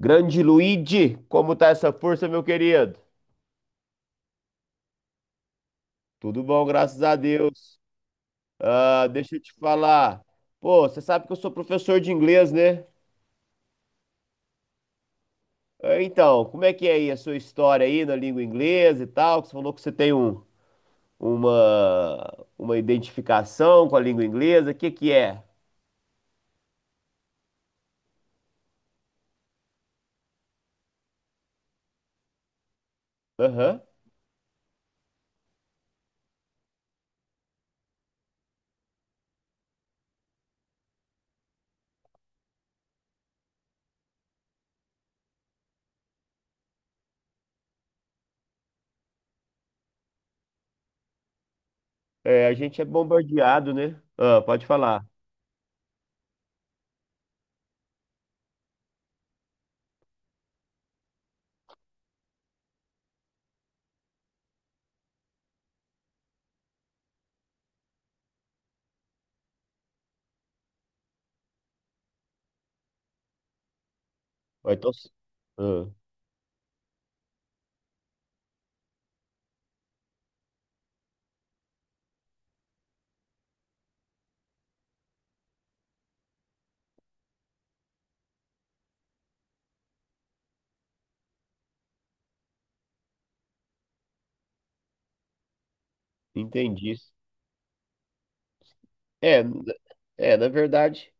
Grande Luigi, como tá essa força, meu querido? Tudo bom, graças a Deus. Ah, deixa eu te falar. Pô, você sabe que eu sou professor de inglês, né? Ah, então, como é que é aí a sua história aí na língua inglesa e tal? Que você falou que você tem uma identificação com a língua inglesa. O que que é? Aham. É, a gente é bombardeado, né? Ah, pode falar. Ah, então, ah, entendi. É, n- é, na verdade.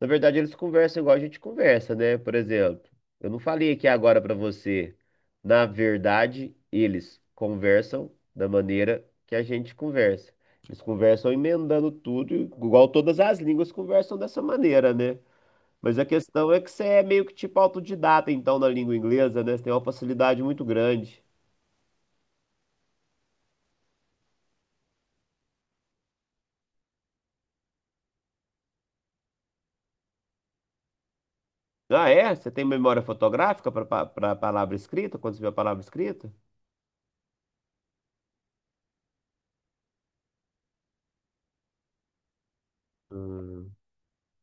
Na verdade, eles conversam igual a gente conversa, né? Por exemplo, eu não falei aqui agora pra você. Na verdade, eles conversam da maneira que a gente conversa. Eles conversam emendando tudo, igual todas as línguas conversam dessa maneira, né? Mas a questão é que você é meio que tipo autodidata, então, na língua inglesa, né? Você tem uma facilidade muito grande. Ah, é? Você tem memória fotográfica para palavra escrita, quando você vê a palavra escrita? Hum.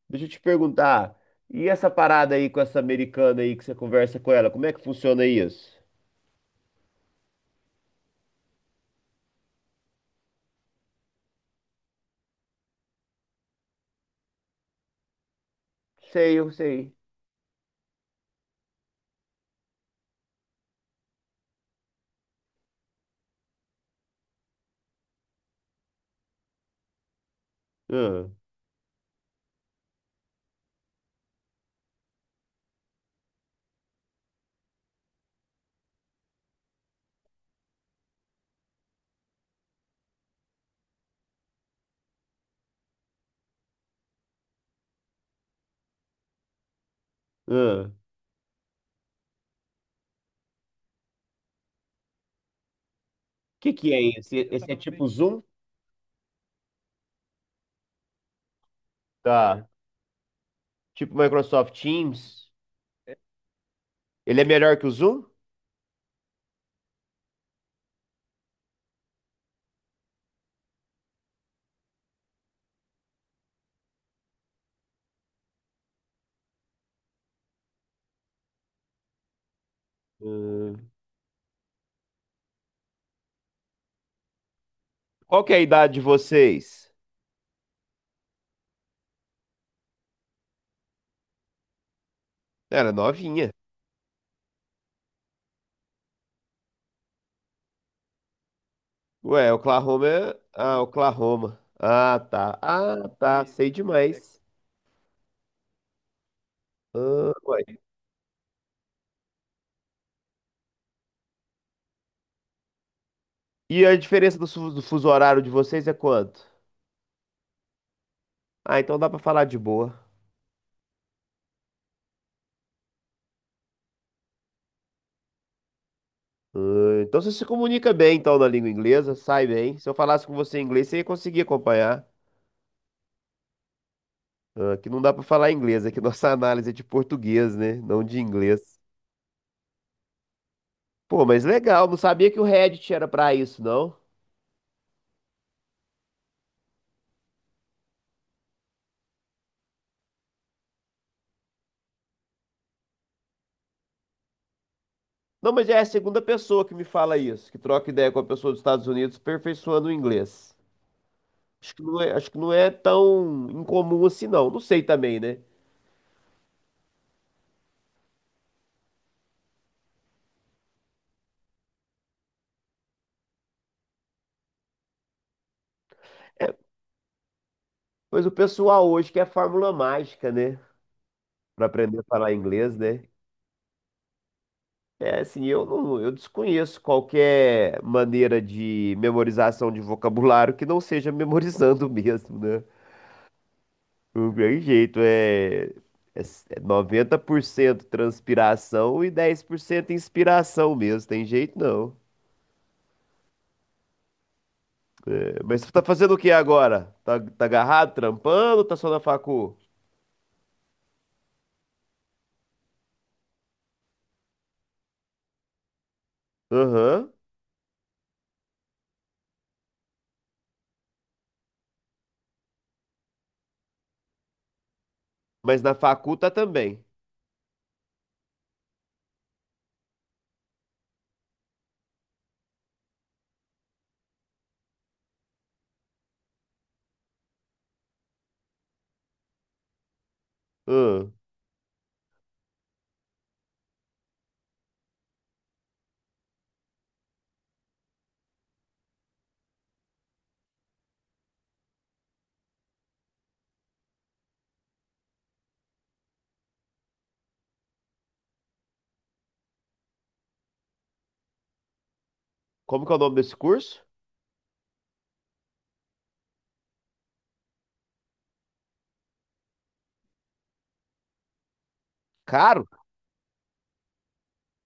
Deixa eu te perguntar, e essa parada aí com essa americana aí que você conversa com ela, como é que funciona isso? Sei, eu sei. Hum, hum. Que é esse? Esse é tipo Zoom? Tá. Tipo Microsoft Teams? Ele é melhor que o Zoom? Hum. Qual que é a idade de vocês? Era novinha. Ué, Oklahoma é. Ah, Oklahoma. Ah, tá. Ah, tá. Sei demais. Ah, ué. E a diferença do fuso horário de vocês é quanto? Ah, então dá pra falar de boa. Ah, então você se comunica bem então na língua inglesa, sai bem. Se eu falasse com você em inglês, você ia conseguir acompanhar. Ah, aqui não dá pra falar inglês, aqui nossa análise é de português, né? Não de inglês. Pô, mas legal, não sabia que o Reddit era pra isso, não. Não, mas é a segunda pessoa que me fala isso, que troca ideia com a pessoa dos Estados Unidos aperfeiçoando o inglês. Acho que não é, acho que não é tão incomum assim, não. Não sei também, né? Mas o pessoal hoje quer fórmula mágica, né? Pra aprender a falar inglês, né? É, assim, eu não, eu desconheço qualquer maneira de memorização de vocabulário que não seja memorizando mesmo, né? Não tem jeito, é 90% transpiração e 10% inspiração mesmo, tem jeito não. É, mas você tá fazendo o que agora? Tá agarrado, trampando ou tá só na facu? Aham, mas na facu tá também. Ahn, Como que é o nome desse curso? Caro?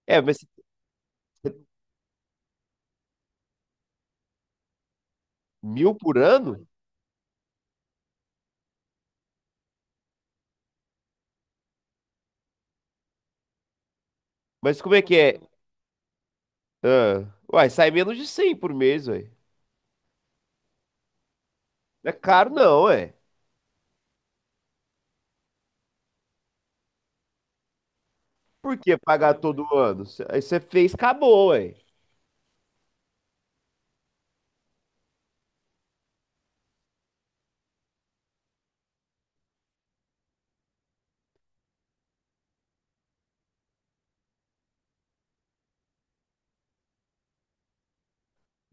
É, mas mil por ano? Mas como é que é? Ah, uai, sai menos de 100 por mês, uai. Não é caro não, ué. Por que pagar todo ano? Aí você fez, acabou, ué.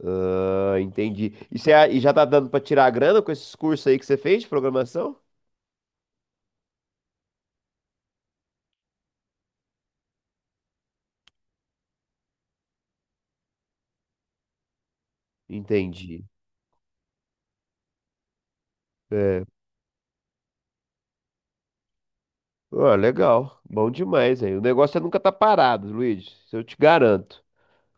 Ah, entendi. E já tá dando pra tirar a grana com esses cursos aí que você fez de programação? Entendi. É, ó, legal. Bom demais, aí. O negócio é nunca tá parado, Luiz. Isso eu te garanto.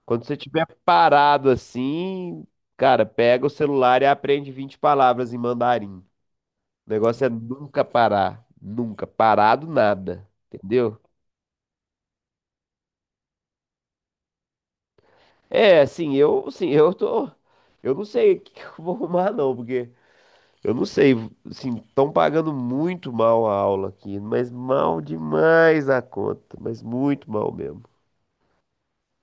Quando você tiver parado assim, cara, pega o celular e aprende 20 palavras em mandarim. O negócio é nunca parar. Nunca. Parado nada. Entendeu? É, assim, eu, assim, eu não sei o que que eu vou arrumar não, porque eu não sei, assim, estão pagando muito mal a aula aqui, mas mal demais a conta, mas muito mal mesmo.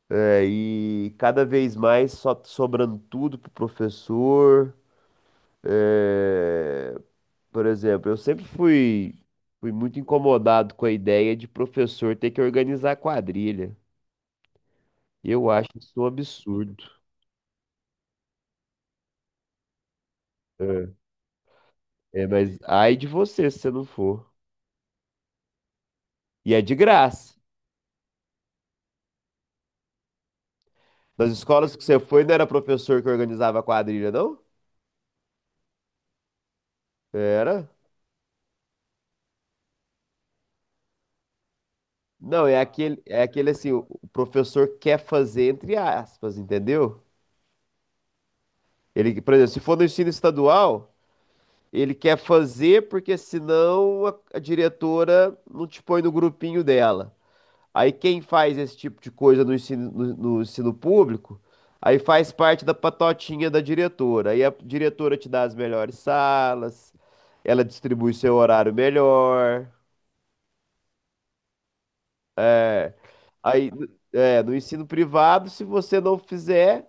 É, e cada vez mais só sobrando tudo pro professor. É, por exemplo, eu sempre fui muito incomodado com a ideia de professor ter que organizar quadrilha. Eu acho isso um absurdo. É, é, mas ai de você se você não for. E é de graça. Das escolas que você foi, não era professor que organizava a quadrilha, não? Era. Não, é aquele, é aquele assim, o professor quer fazer entre aspas, entendeu? Ele, por exemplo, se for no ensino estadual, ele quer fazer porque senão a diretora não te põe no grupinho dela. Aí quem faz esse tipo de coisa no ensino, no ensino público, aí faz parte da patotinha da diretora. Aí a diretora te dá as melhores salas, ela distribui seu horário melhor. Aí, é, no ensino privado, se você não fizer,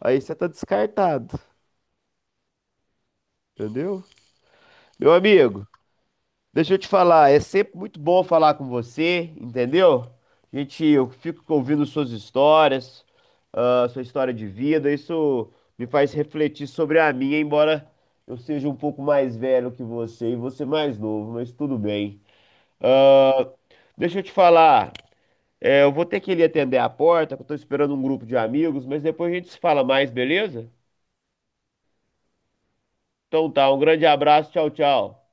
aí você tá descartado, entendeu? Meu amigo, deixa eu te falar, é sempre muito bom falar com você, entendeu? Gente, eu fico ouvindo suas histórias, ah, sua história de vida, isso me faz refletir sobre a minha, embora eu seja um pouco mais velho que você e você mais novo, mas tudo bem. Ah, deixa eu te falar, é, eu vou ter que ir ali atender a porta, que eu tô esperando um grupo de amigos, mas depois a gente se fala mais, beleza? Então tá, um grande abraço, tchau, tchau.